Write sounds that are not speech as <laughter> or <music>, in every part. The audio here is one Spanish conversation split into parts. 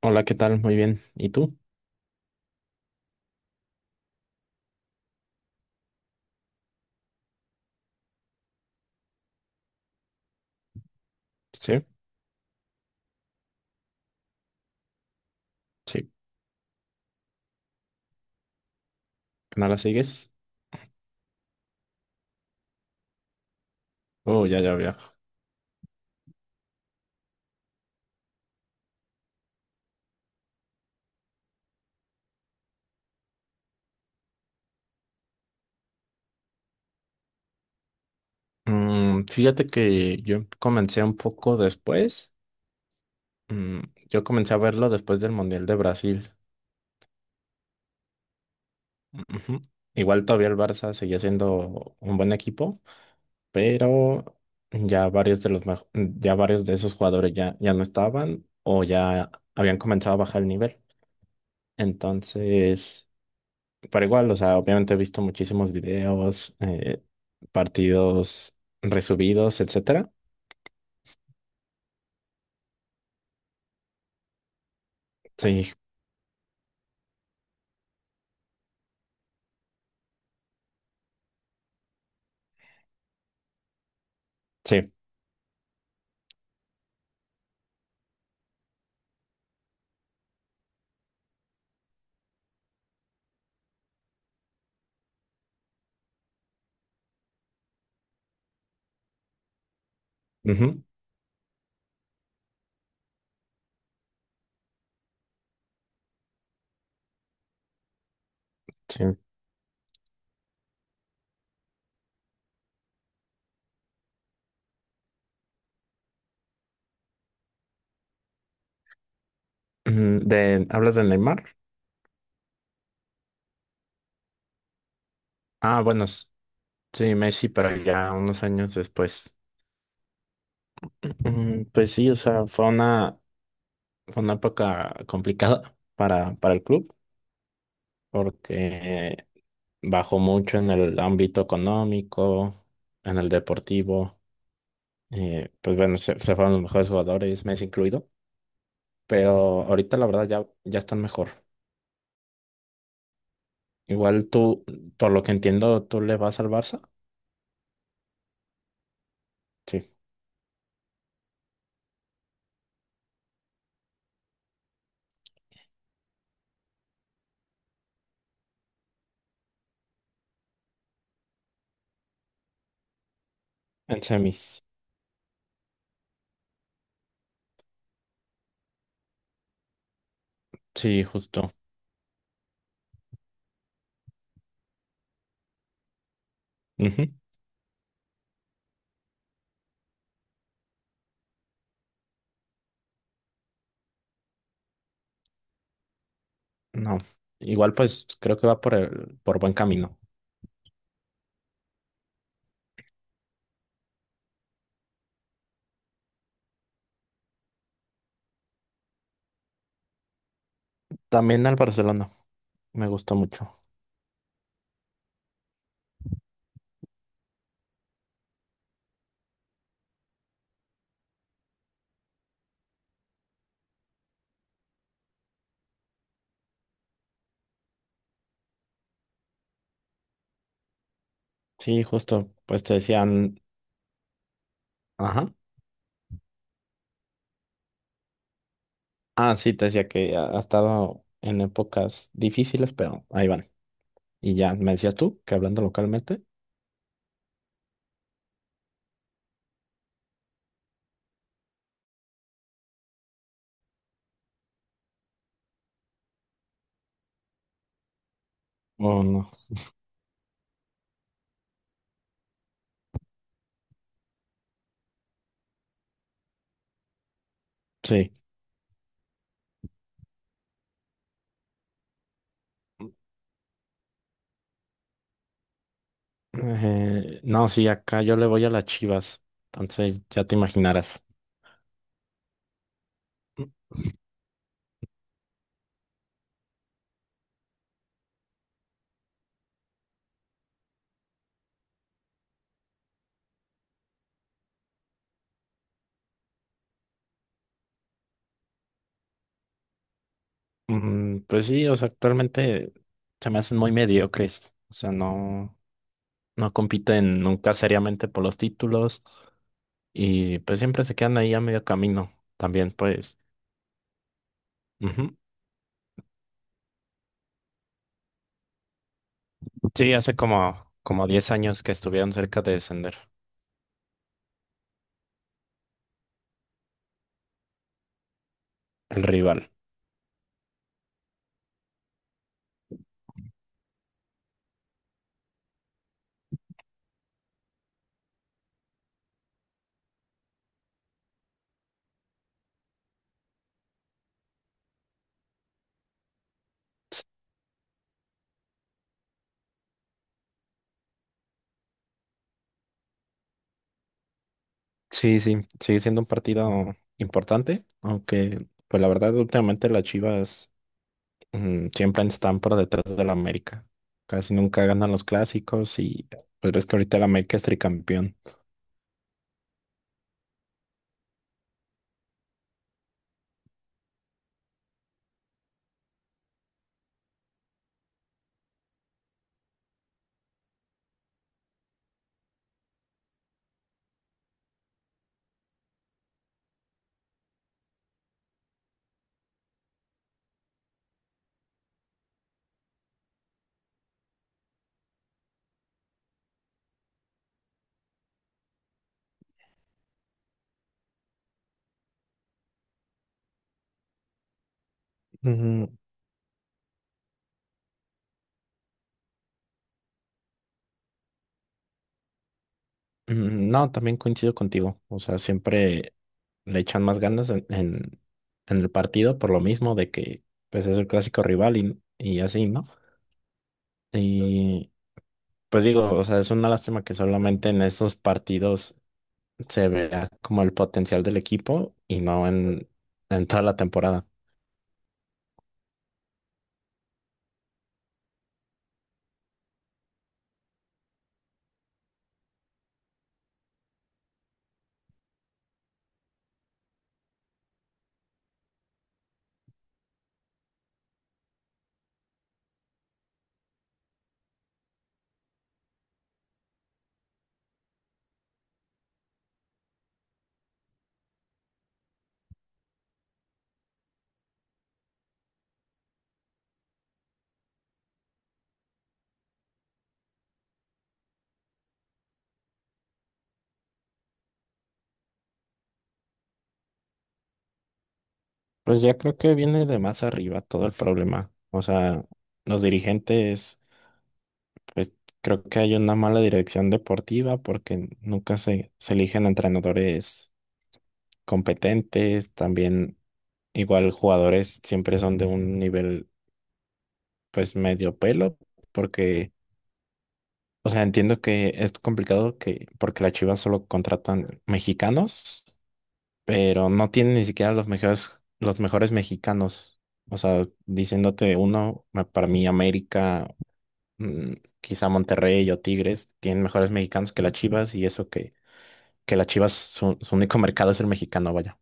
Hola, ¿qué tal? Muy bien. ¿Y tú? Sí, sí. ¿No la sigues? Oh, ya, ya veo. Fíjate que yo comencé un poco después. Mm, yo comencé a verlo después del Mundial de Brasil. Ujú. Igual todavía el Barça seguía siendo un buen equipo, pero ya varios de esos jugadores ya no estaban o ya habían comenzado a bajar el nivel. Entonces. Pero igual, o sea, obviamente he visto muchísimos videos, partidos resubidos, etcétera. Sí, sí, ujú, sí. ¿Hablas de Neymar? Ah, bueno, sí, Messi, pero ya unos años después. Pues sí, o sea, fue una época complicada para el club, porque bajó mucho en el ámbito económico, en el deportivo. Pues bueno, se fueron los mejores jugadores, Messi incluido. Pero ahorita la verdad ya están mejor. Igual tú, por lo que entiendo, tú le vas al Barça. Sí, en semis. Sí, justo. Ujú, no. Igual pues creo que va por por buen camino. También al Barcelona, me gustó mucho. Sí, justo, pues te decían, ajá. Ah, sí, te decía que ha estado en épocas difíciles, pero ahí van. Y ya, me decías tú que hablando localmente. Oh, no. Sí. No, sí, acá yo le voy a las Chivas, entonces ya te imaginarás. Pues sí, o sea, actualmente se me hacen muy mediocres, o sea, no compiten nunca seriamente por los títulos y pues siempre se quedan ahí a medio camino también, pues. Ujú. Sí, hace como 10 años que estuvieron cerca de descender el rival. Sí, sí, sigue siendo un partido importante, aunque pues la verdad últimamente las Chivas siempre están por detrás del América. Casi nunca ganan los clásicos y pues ves que ahorita el América es tricampeón. Mm, No, también coincido contigo. O sea, siempre le echan más ganas en el partido por lo mismo de que pues es el clásico rival y así, ¿no? Y pues digo, o sea, es una lástima que solamente en esos partidos se vea como el potencial del equipo y no en, en toda la temporada. Pues ya creo que viene de más arriba todo el problema. O sea, los dirigentes, pues creo que hay una mala dirección deportiva porque nunca se eligen entrenadores competentes, también igual jugadores siempre son de un nivel pues medio pelo, porque, o sea, entiendo que es complicado que, porque las Chivas solo contratan mexicanos pero no tiene ni siquiera los mejores mexicanos. O sea, diciéndote uno, para mí América, mm, quizá Monterrey o Tigres, tienen mejores mexicanos que las Chivas y eso que las Chivas, su único <laughs> mercado es el mexicano, vaya.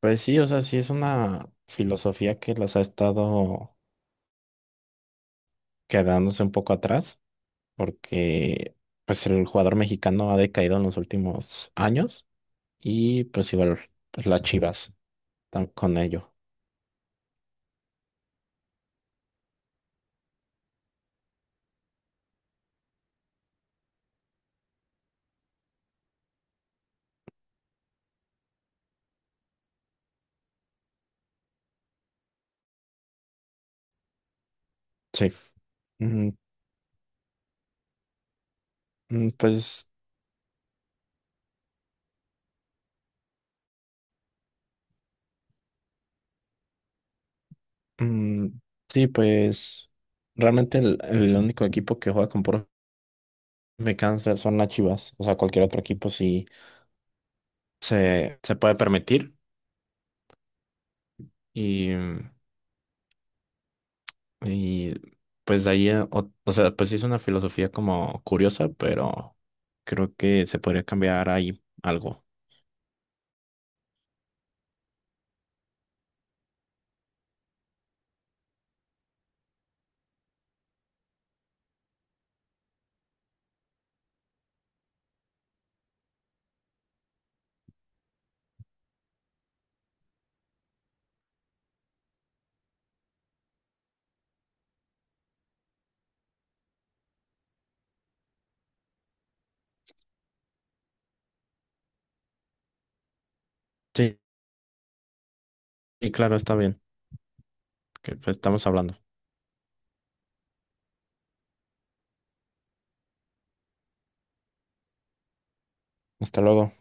Pues sí, o sea, sí es una filosofía que las ha estado quedándose un poco atrás porque pues el jugador mexicano ha decaído en los últimos años y pues igual pues, las Chivas con ello. Sí. Mm, Pues mm, sí, pues realmente el único equipo que juega con puro cáncer son las Chivas. O sea, cualquier otro equipo sí se puede permitir. Y, y pues de ahí, o sea, pues sí es una filosofía como curiosa, pero creo que se podría cambiar ahí algo. Sí, y claro, está bien, que pues, estamos hablando. Hasta luego.